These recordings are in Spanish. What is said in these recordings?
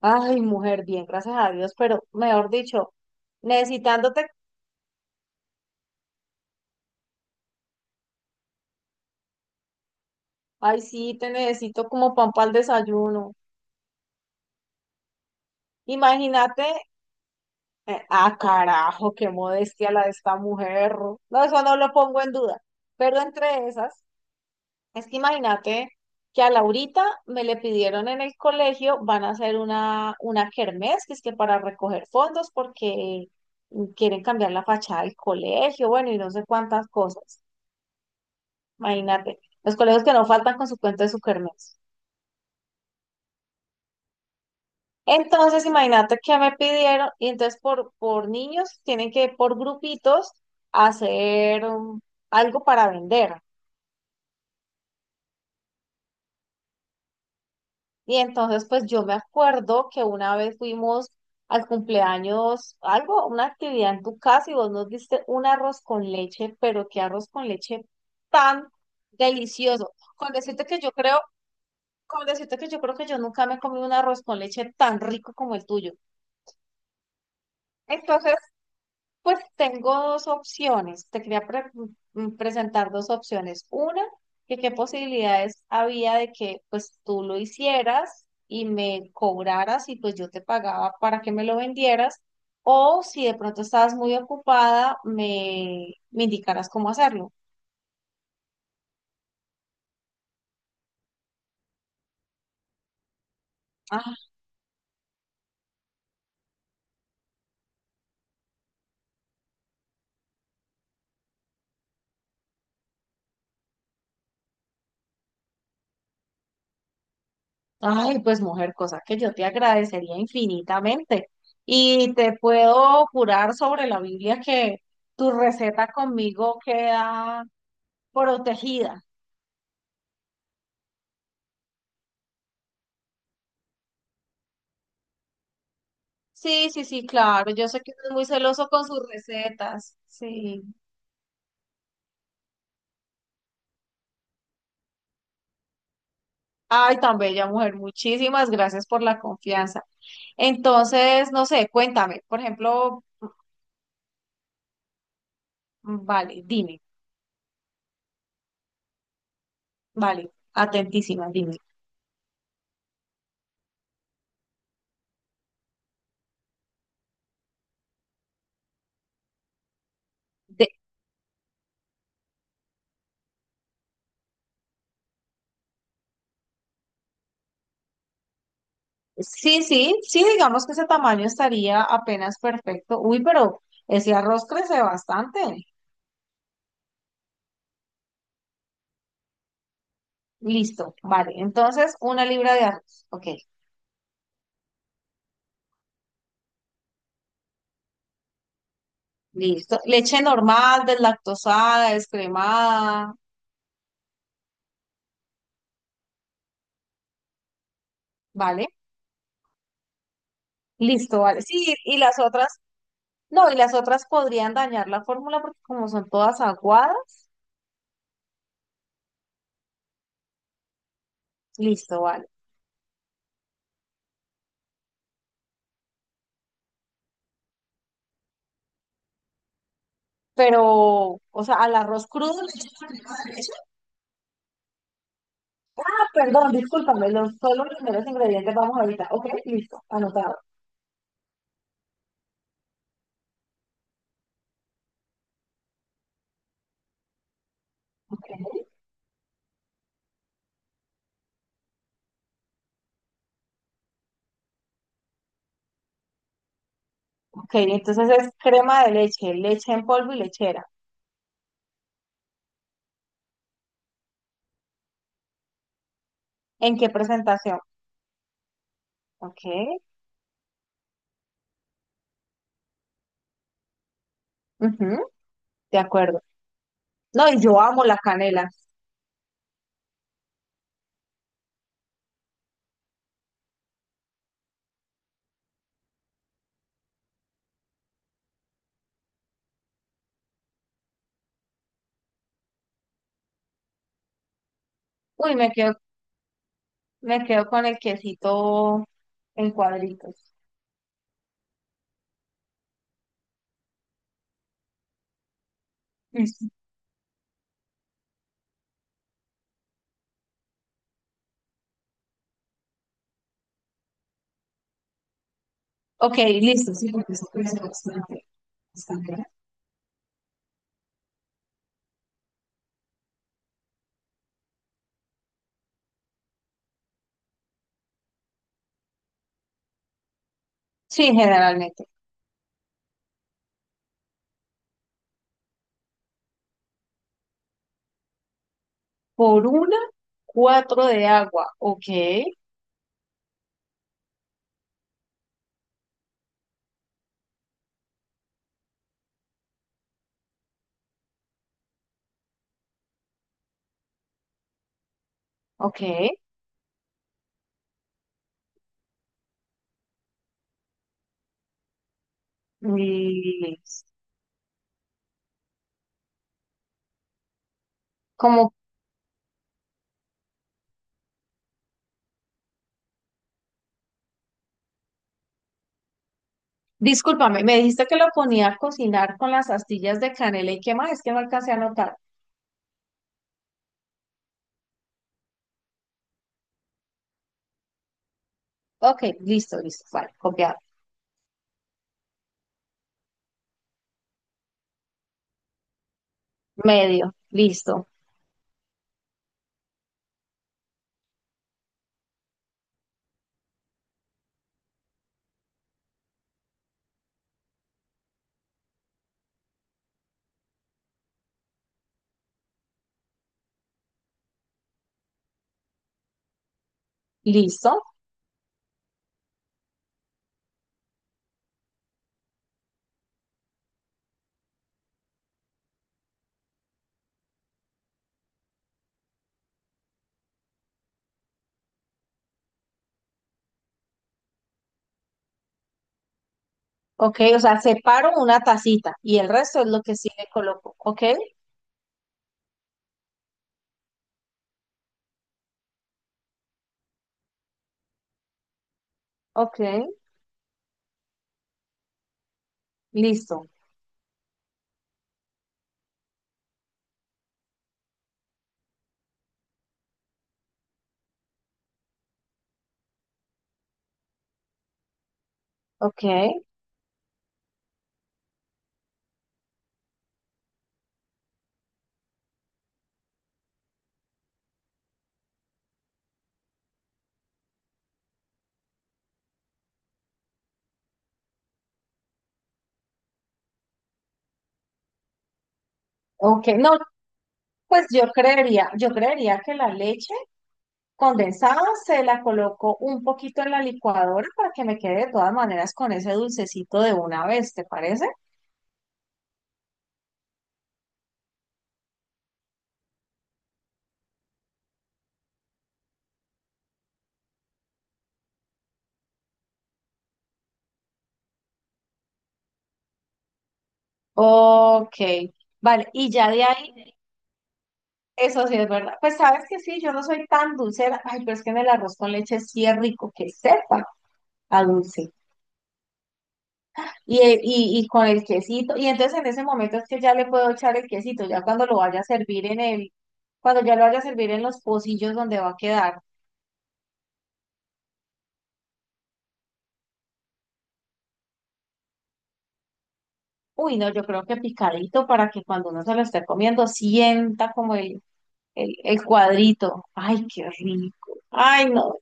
Ay, mujer, bien, gracias a Dios, pero mejor dicho, necesitándote, ay, sí, te necesito como pan para el desayuno. Imagínate, ah, carajo, qué modestia la de esta mujer. No, eso no lo pongo en duda. Pero entre esas, es que imagínate que a Laurita me le pidieron en el colegio, van a hacer una kermés, que es que para recoger fondos, porque quieren cambiar la fachada del colegio, bueno, y no sé cuántas cosas. Imagínate, los colegios que no faltan con su cuenta de sukermes. Entonces, imagínate que me pidieron, y entonces por niños tienen que por grupitos hacer algo para vender. Y entonces, pues yo me acuerdo que una vez fuimos al cumpleaños, algo, una actividad en tu casa y vos nos diste un arroz con leche, pero qué arroz con leche tan delicioso. Con decirte que yo creo que yo nunca me he comido un arroz con leche tan rico como el tuyo. Entonces, pues tengo dos opciones. Te quería presentar dos opciones. Una, que qué posibilidades había de que pues tú lo hicieras y me cobraras y pues yo te pagaba para que me lo vendieras. O si de pronto estabas muy ocupada, me indicaras cómo hacerlo. Ah, ay, pues mujer, cosa que yo te agradecería infinitamente. Y te puedo jurar sobre la Biblia que tu receta conmigo queda protegida. Sí, sí, sí, claro. Yo sé que uno es muy celoso con sus recetas. Sí. Ay, tan bella mujer. Muchísimas gracias por la confianza. Entonces, no sé, cuéntame. Por ejemplo, vale, dime, vale, atentísima, dime. De- sí, sí, sí, digamos que ese tamaño estaría apenas perfecto. Uy, pero ese arroz crece bastante. Listo, vale. Entonces, una libra de arroz. Ok, listo. Leche normal, deslactosada, descremada, ¿vale? Listo, vale. Sí, y las otras, no, y las otras podrían dañar la fórmula porque como son todas aguadas, listo, vale. Pero, o sea, al arroz crudo le echas arriba de eso. Perdón, discúlpame, los primeros ingredientes vamos ahorita. Ok, listo, anotado. Ok, entonces es crema de leche, leche en polvo y lechera. ¿En qué presentación? Ok, ujú, de acuerdo. No, y yo amo la canela. Uy, me quedo con el quesito en cuadritos. Listo. Ok, listo, sí, porque eso puede ser bastante extranjera. Sí, generalmente. Por una, cuatro de agua. Ok, ok. Y como, discúlpame, me dijiste que lo ponía a cocinar con las astillas de canela y qué más, es que no alcancé a anotar. Ok, listo, listo, vale, copiado. Medio, listo, listo. Ok, o sea, separo una tacita y el resto es lo que sí le coloco. Ok, ok, listo, ok, ok. No, pues yo creería que la leche condensadas, se la coloco un poquito en la licuadora para que me quede de todas maneras con ese dulcecito de una vez, ¿te parece? Ok, vale, y ya de ahí, eso sí es verdad. Pues sabes que sí, yo no soy tan dulcera, ay, pero es que en el arroz con leche sí es rico, que sepa a dulce. Y con el quesito, y entonces en ese momento es que ya le puedo echar el quesito, ya cuando lo vaya a servir cuando ya lo vaya a servir en los pocillos donde va a quedar. Uy, no, yo creo que picadito para que cuando uno se lo esté comiendo sienta como el, cuadrito. Ay, qué rico. Ay, no.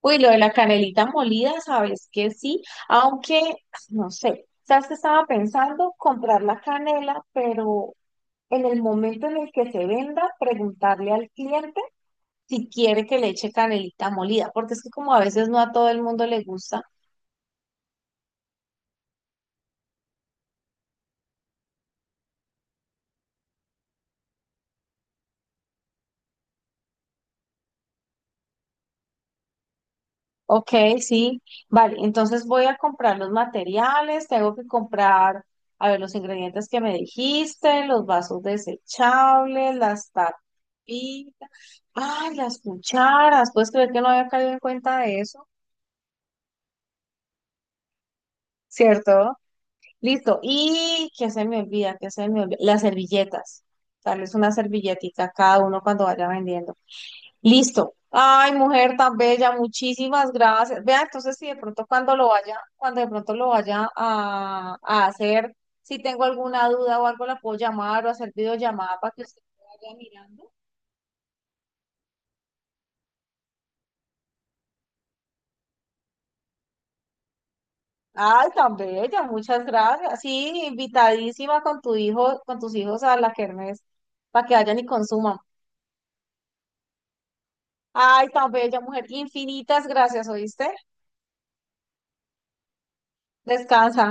Uy, lo de la canelita molida, sabes que sí, aunque, no sé, sabes que estaba pensando comprar la canela, pero en el momento en el que se venda, preguntarle al cliente si quiere que le eche canelita molida, porque es que como a veces no a todo el mundo le gusta. Ok, sí, vale, entonces voy a comprar los materiales, tengo que comprar, a ver, los ingredientes que me dijiste, los vasos desechables, las tapitas, ay, las cucharas, puedes creer que no había caído en cuenta de eso, ¿cierto? Listo, y que se me olvida, las servilletas, darles una servilletica a cada uno cuando vaya vendiendo. Listo. Ay, mujer tan bella, muchísimas gracias. Vea, entonces si de pronto cuando lo vaya, cuando de pronto lo vaya a hacer, si tengo alguna duda o algo, la puedo llamar o hacer videollamada para que usted me vaya mirando. Ay, tan bella, muchas gracias. Sí, invitadísima con tu hijo, con tus hijos a la kermés, para que vayan y consuman. Ay, tan bella, mujer, infinitas gracias, ¿oíste? Descansa.